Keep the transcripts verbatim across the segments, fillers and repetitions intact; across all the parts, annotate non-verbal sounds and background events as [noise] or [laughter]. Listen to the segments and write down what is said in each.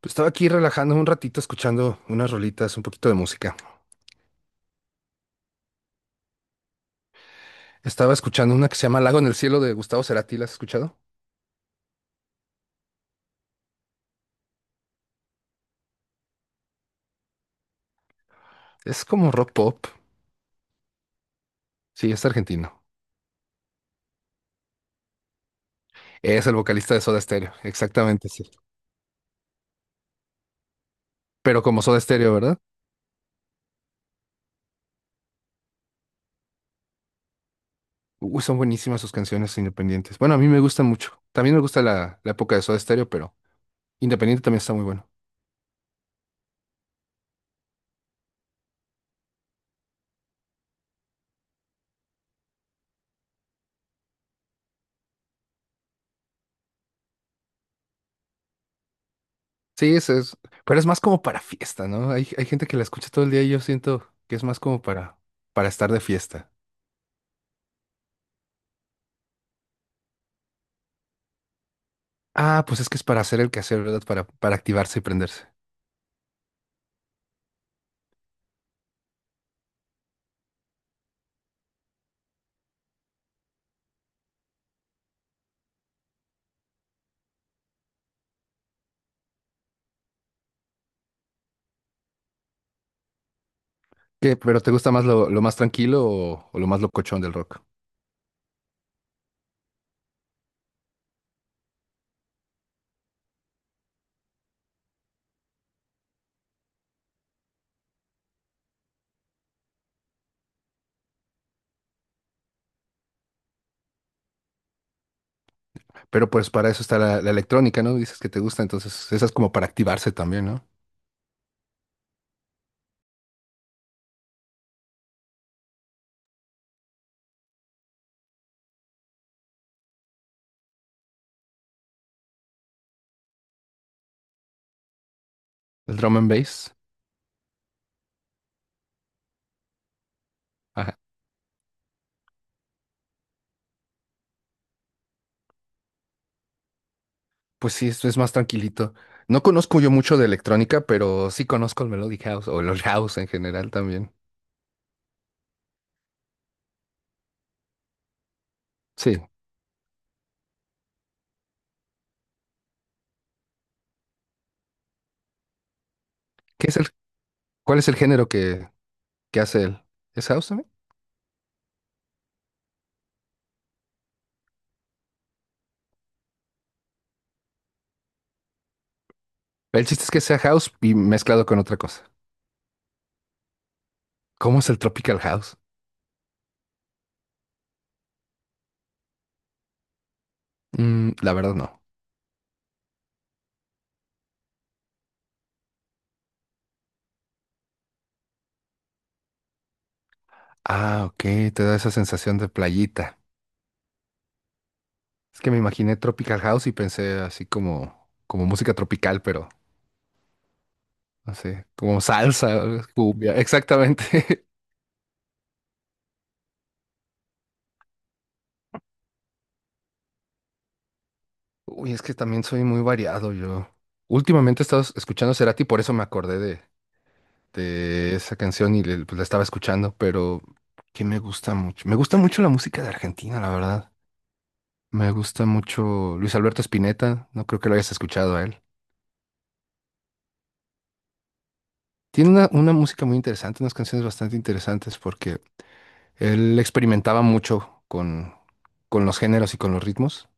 Pues estaba aquí relajándome un ratito escuchando unas rolitas, un poquito de música. Estaba escuchando una que se llama Lago en el Cielo de Gustavo Cerati, ¿la has escuchado? Es como rock pop. Sí, es argentino. Es el vocalista de Soda Stereo, exactamente, sí. Pero como Soda Stereo, ¿verdad? Uy, son buenísimas sus canciones independientes. Bueno, a mí me gustan mucho. También me gusta la, la época de Soda Stereo, pero independiente también está muy bueno. Sí, es, es, pero es más como para fiesta, ¿no? Hay, hay gente que la escucha todo el día y yo siento que es más como para, para estar de fiesta. Ah, pues es que es para hacer el quehacer, ¿verdad? Para, para activarse y prenderse. ¿Qué? ¿Pero te gusta más lo, lo más tranquilo o, o lo más locochón del rock? Pero pues para eso está la, la electrónica, ¿no? Dices que te gusta, entonces esa es como para activarse también, ¿no? El drum and bass. Ajá. Pues sí, esto es más tranquilito. No conozco yo mucho de electrónica, pero sí conozco el Melodic House o el House en general también. Sí. ¿Qué es el, cuál es el género que, que hace él? ¿Es House también? El chiste es que sea House y mezclado con otra cosa. ¿Cómo es el Tropical House? Mm, la verdad no. Ah, ok, te da esa sensación de playita. Es que me imaginé Tropical House y pensé así como, como música tropical, pero no sé, como salsa, [laughs] algo así, cumbia, exactamente. [laughs] Uy, es que también soy muy variado yo. Últimamente he estado escuchando Cerati, por eso me acordé de, de esa canción y le- pues, la estaba escuchando, pero que me gusta mucho. Me gusta mucho la música de Argentina, la verdad. Me gusta mucho Luis Alberto Spinetta, no creo que lo hayas escuchado a él. Tiene una, una música muy interesante, unas canciones bastante interesantes porque él experimentaba mucho con, con los géneros y con los ritmos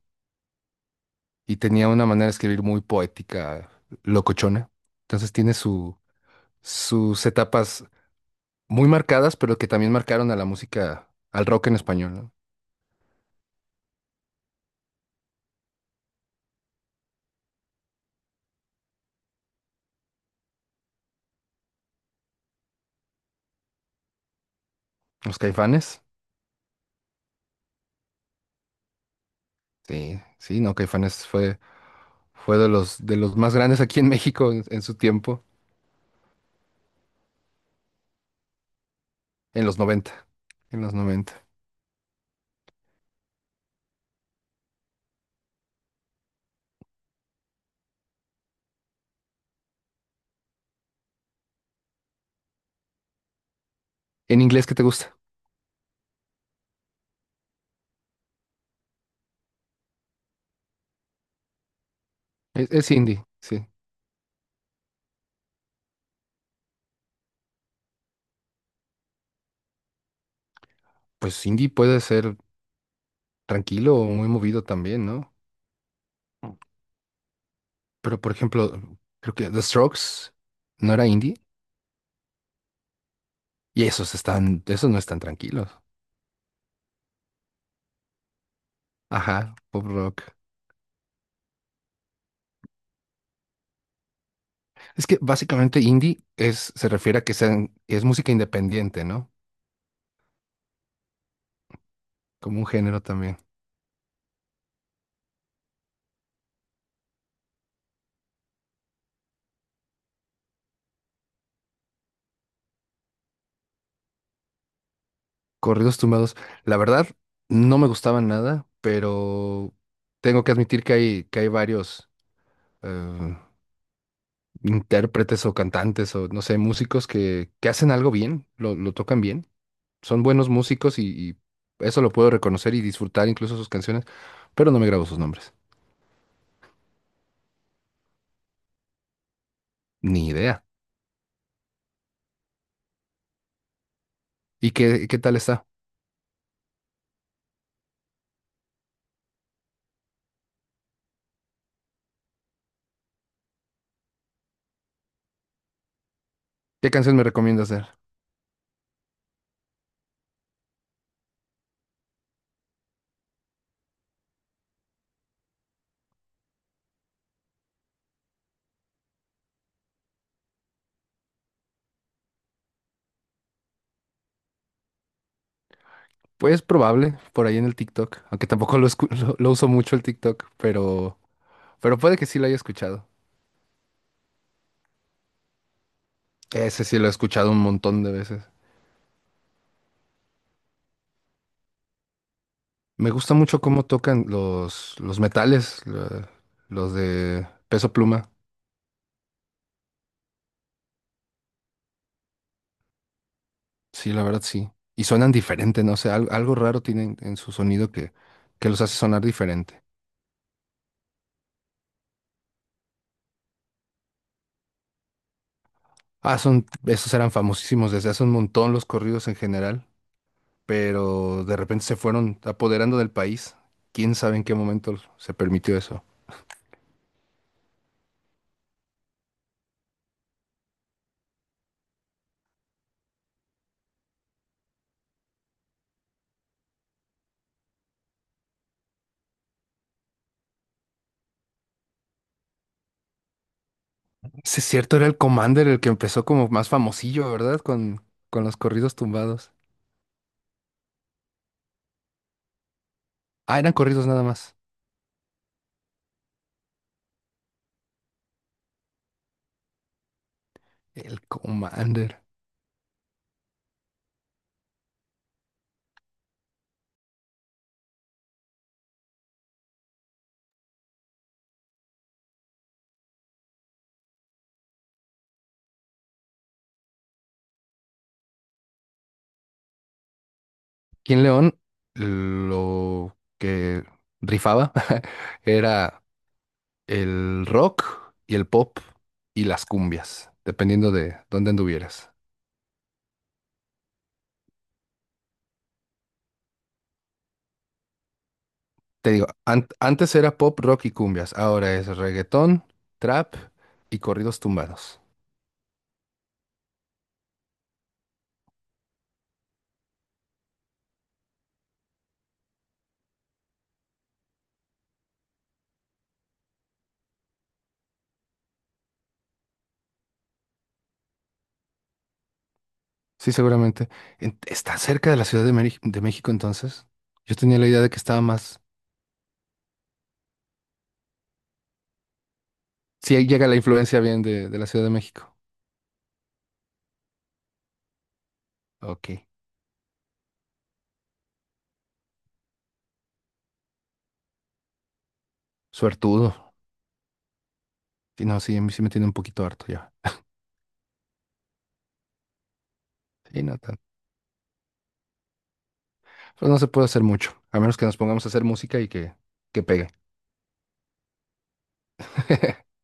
y tenía una manera de escribir muy poética, locochona. Entonces tiene su, sus etapas muy marcadas, pero que también marcaron a la música, al rock en español, ¿no? Los Caifanes, sí, sí, no, Caifanes fue, fue de los, de los más grandes aquí en México en, en su tiempo, en los noventa en los noventa. ¿En inglés qué te gusta? Es, es indie, sí. Pues indie puede ser tranquilo o muy movido también, ¿no? Pero por ejemplo, creo que The Strokes no era indie y esos están, esos no están tranquilos. Ajá, pop rock. Es que básicamente indie es, se refiere a que sean, es música independiente, ¿no? Como un género también. Corridos tumbados. La verdad, no me gustaban nada, pero tengo que admitir que hay, que hay varios eh, intérpretes o cantantes o no sé, músicos que, que hacen algo bien, lo, lo tocan bien, son buenos músicos y, y eso lo puedo reconocer y disfrutar incluso sus canciones, pero no me grabo sus nombres. Ni idea. ¿Y qué, qué tal está? ¿Qué canción me recomiendas hacer? Pues probable, por ahí en el TikTok, aunque tampoco lo, escu- [laughs] lo, lo uso mucho el TikTok, pero, pero puede que sí lo haya escuchado. Ese sí lo he escuchado un montón de veces. Me gusta mucho cómo tocan los, los metales, lo- los de Peso Pluma. Sí, la verdad sí. Y suenan diferente, no sé, al- algo, raro tienen en su sonido que, que los hace sonar diferente. Ah, son, esos eran famosísimos desde hace un montón los corridos en general, pero de repente se fueron apoderando del país. ¿Quién sabe en qué momento se permitió eso? Sí, es cierto, era el Commander el que empezó como más famosillo, ¿verdad? Con, con los corridos tumbados. Ah, eran corridos nada más. El Commander. Aquí en León, lo que rifaba [laughs] era el rock y el pop y las cumbias, dependiendo de dónde anduvieras. Te digo, an- antes era pop, rock y cumbias, ahora es reggaetón, trap y corridos tumbados. Sí, seguramente. En- ¿Está cerca de la Ciudad de, Meri- de México entonces? Yo tenía la idea de que estaba más... Sí, ahí llega la influencia bien de, de la Ciudad de México. Ok. Suertudo. Sí, no, sí, a mí sí me tiene un poquito harto ya. Sí, no tan- Pero no se puede hacer mucho, a menos que nos pongamos a hacer música y que, que pegue. [laughs]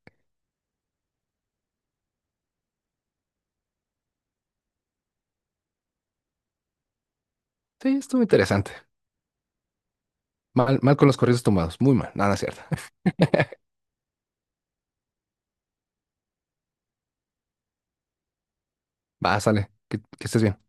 Sí, estuvo interesante. Mal, mal con los corridos tumbados, muy mal, nada, es cierto. [laughs] Va, sale, que que estés bien.